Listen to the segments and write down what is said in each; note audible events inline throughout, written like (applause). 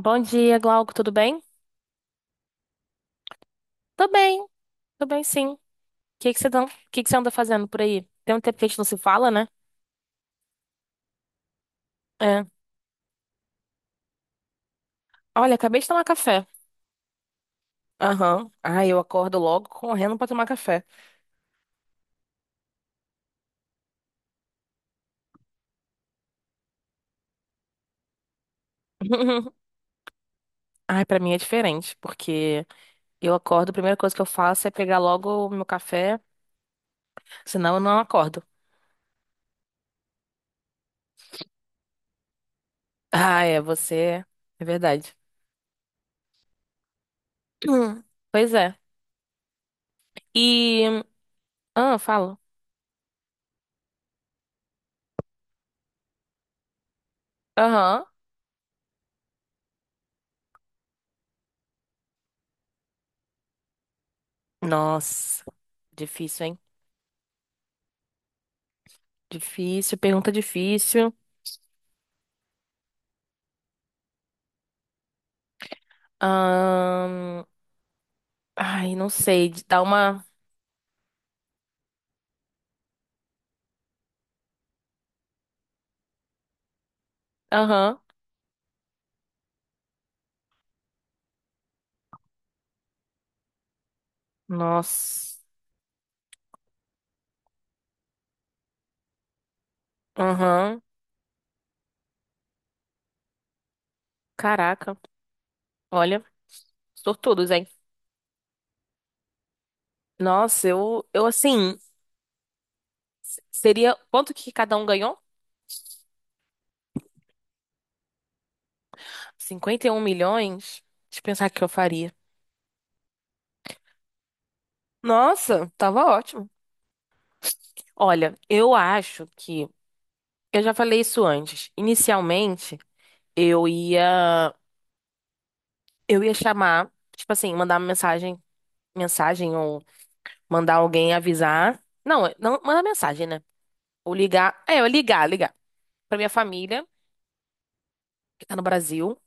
Bom dia, Glauco, tudo bem? Tô bem, tô bem sim. O que que você tá- que você anda fazendo por aí? Tem um tempo que a gente não se fala, né? É. Olha, acabei de tomar café. Aham. Ah, eu acordo logo correndo pra tomar café. (laughs) Ai, pra mim é diferente, porque eu acordo, a primeira coisa que eu faço é pegar logo o meu café, senão eu não acordo. Ah, é, você. É verdade. (clears throat) Hum. Pois é. E. Ah, fala. Aham. Nossa, difícil, hein? Difícil, pergunta difícil. Ahn, Ai, não sei. De dar uma. Aham. Nossa. Aham. Caraca. Olha, sortudos, hein? Nossa, eu assim. Seria. Quanto que cada um ganhou? 51 milhões? Deixa eu pensar o que eu faria. Nossa, tava ótimo. Olha, eu acho que. Eu já falei isso antes. Inicialmente, eu ia. Eu ia chamar. Tipo assim, mandar uma mensagem. Mensagem ou mandar alguém avisar. Não, não, manda mensagem, né? Ou ligar. É, eu ligar, ligar. Pra minha família, que tá no Brasil.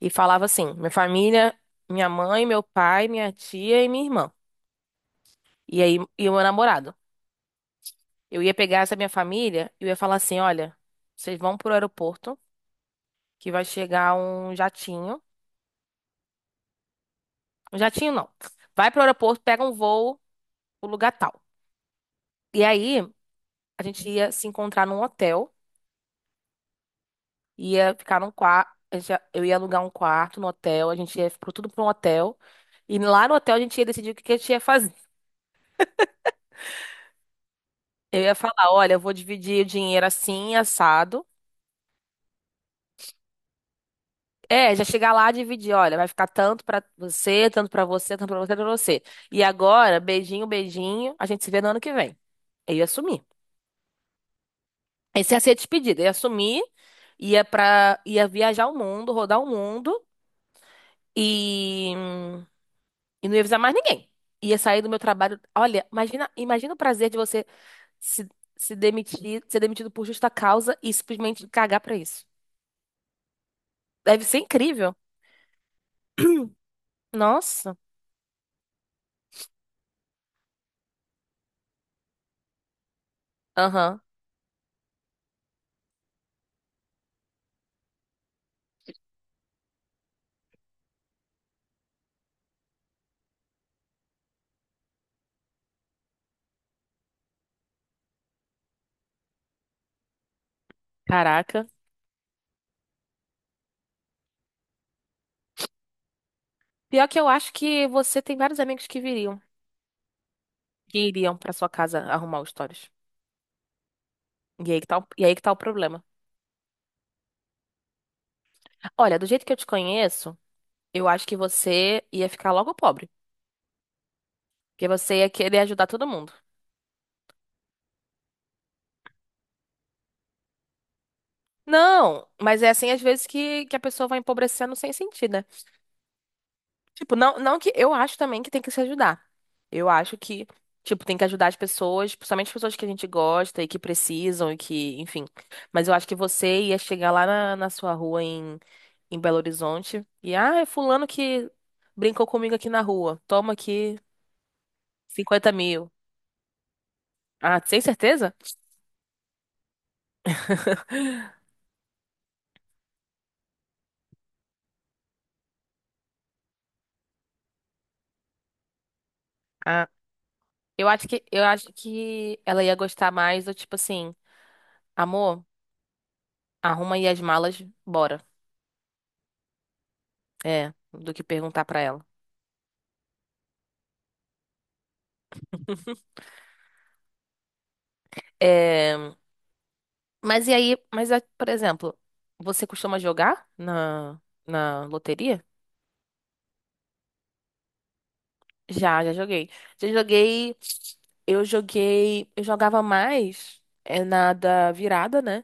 E falava assim: minha família, minha mãe, meu pai, minha tia e minha irmã. E aí, e o meu namorado. Eu ia pegar essa minha família e eu ia falar assim: olha, vocês vão pro aeroporto, que vai chegar um jatinho. Um jatinho não. Vai pro aeroporto, pega um voo, o lugar tal. E aí, a gente ia se encontrar num hotel. Ia ficar num quarto, eu ia alugar um quarto no hotel, a gente tudo para um hotel. E lá no hotel a gente ia decidir o que que a gente ia fazer. Eu ia falar, olha, eu vou dividir o dinheiro assim, assado. É, já chegar lá e dividir, olha, vai ficar tanto pra você, tanto pra você, tanto pra você, tanto pra você. E agora, beijinho, beijinho, a gente se vê no ano que vem. Eu ia sumir. Esse ia ser a despedida, eu ia sumir, ia viajar o mundo, rodar o mundo e E não ia avisar mais ninguém. Ia sair do meu trabalho. Olha, imagina, imagina o prazer de você se, se demitir, ser demitido por justa causa e simplesmente cagar pra isso. Deve ser incrível. Nossa. Aham. Caraca. Pior que eu acho que você tem vários amigos que viriam, que iriam pra sua casa arrumar os stories. E aí que tá o problema. Olha, do jeito que eu te conheço, eu acho que você ia ficar logo pobre. Porque você ia querer ajudar todo mundo. Não, mas é assim às vezes que a pessoa vai empobrecendo sem sentido, né? Tipo, não, não que eu acho também que tem que se ajudar. Eu acho que, tipo, tem que ajudar as pessoas, principalmente as pessoas que a gente gosta e que precisam e que, enfim. Mas eu acho que você ia chegar lá na sua rua em Belo Horizonte e, ah, é fulano que brincou comigo aqui na rua. Toma aqui 50 mil. Ah, sem certeza? (laughs) Ah, eu acho que ela ia gostar mais do tipo assim, amor, arruma aí as malas, bora. É, do que perguntar pra ela. É, mas e aí, por exemplo, você costuma jogar na loteria? Já joguei. Já joguei, eu jogava mais é, na da virada, né?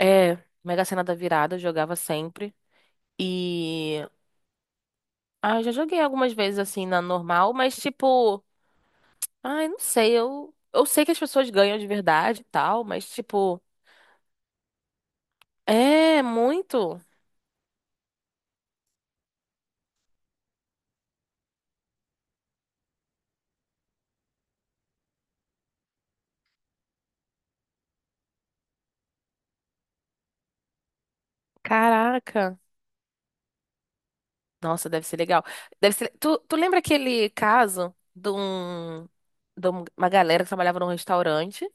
É, Mega Sena da virada, eu jogava sempre. E eu já joguei algumas vezes assim na normal, mas tipo, ai, não sei, eu sei que as pessoas ganham de verdade e tal, mas tipo, é muito. Caraca. Nossa, deve ser legal. Deve ser... Tu lembra aquele caso uma galera que trabalhava num restaurante?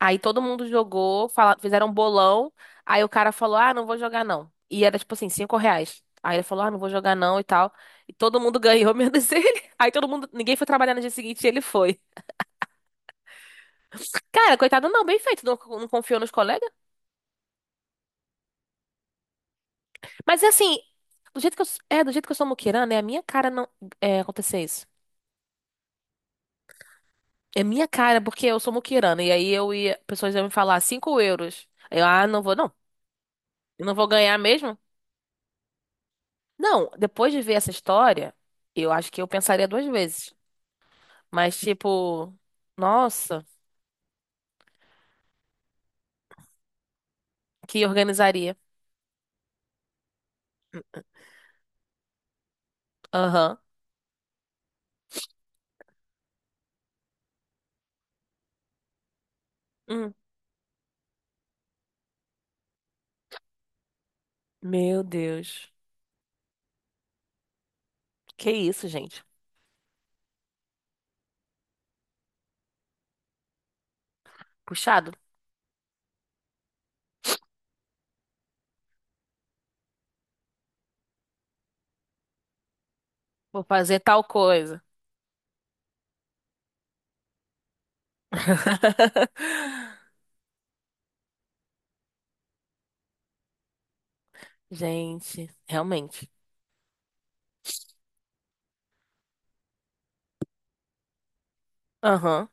Aí todo mundo jogou, fizeram um bolão. Aí o cara falou: ah, não vou jogar não. E era tipo assim, R$ 5. Aí ele falou: ah, não vou jogar não e tal. E todo mundo ganhou, (laughs) menos ele. Aí ninguém foi trabalhar no dia seguinte e ele foi. Cara, coitado, não, bem feito, não, não confiou nos colegas. Mas assim, do jeito que eu, s- é, do jeito que eu sou muquirana, é a minha cara não é, acontecer isso. É minha cara, porque eu sou muquirana. E aí pessoas iam me falar 5 euros. Aí eu, não vou, não. Eu não vou ganhar mesmo? Não, depois de ver essa história, eu acho que eu pensaria duas vezes. Mas, tipo, nossa, que organizaria. Aham. Hum. Meu Deus. Que isso, gente? Puxado. Vou fazer tal coisa. (laughs) Gente, realmente. Aham.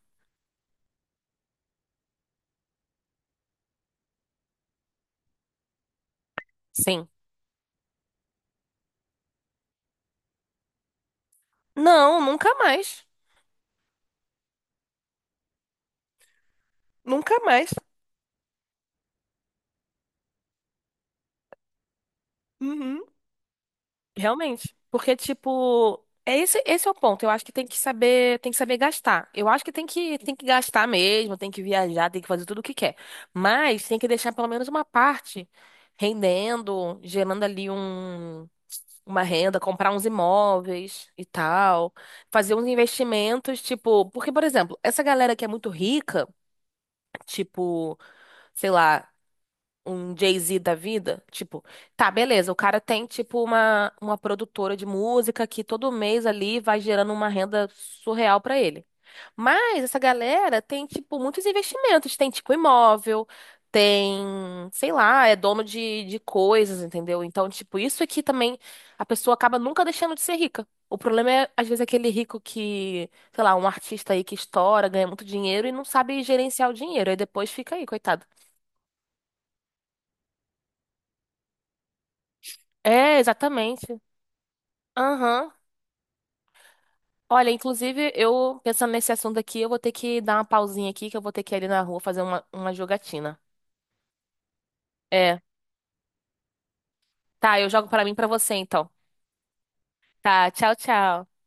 Sim. Não, nunca mais. Nunca mais. Uhum. Realmente. Porque, tipo, esse é o ponto. Eu acho que tem que saber gastar. Eu acho que tem que gastar mesmo, tem que viajar, tem que fazer tudo o que quer. Mas tem que deixar pelo menos uma parte rendendo, gerando ali uma renda, comprar uns imóveis e tal, fazer uns investimentos, tipo, porque, por exemplo, essa galera que é muito rica, tipo, sei lá um Jay-Z da vida, tipo, tá, beleza, o cara tem, tipo, uma produtora de música que todo mês ali vai gerando uma renda surreal pra ele. Mas essa galera tem, tipo, muitos investimentos, tem, tipo, imóvel, tem, sei lá, é dono de coisas, entendeu? Então, tipo, isso aqui também, a pessoa acaba nunca deixando de ser rica. O problema é, às vezes, aquele rico que, sei lá, um artista aí que estoura, ganha muito dinheiro e não sabe gerenciar o dinheiro, aí depois fica aí, coitado. É, exatamente. Aham. Olha, inclusive, eu pensando nesse assunto aqui, eu vou ter que dar uma pausinha aqui, que eu vou ter que ir ali na rua fazer uma jogatina. É. Tá, eu jogo pra mim e pra você, então. Tá, tchau, tchau.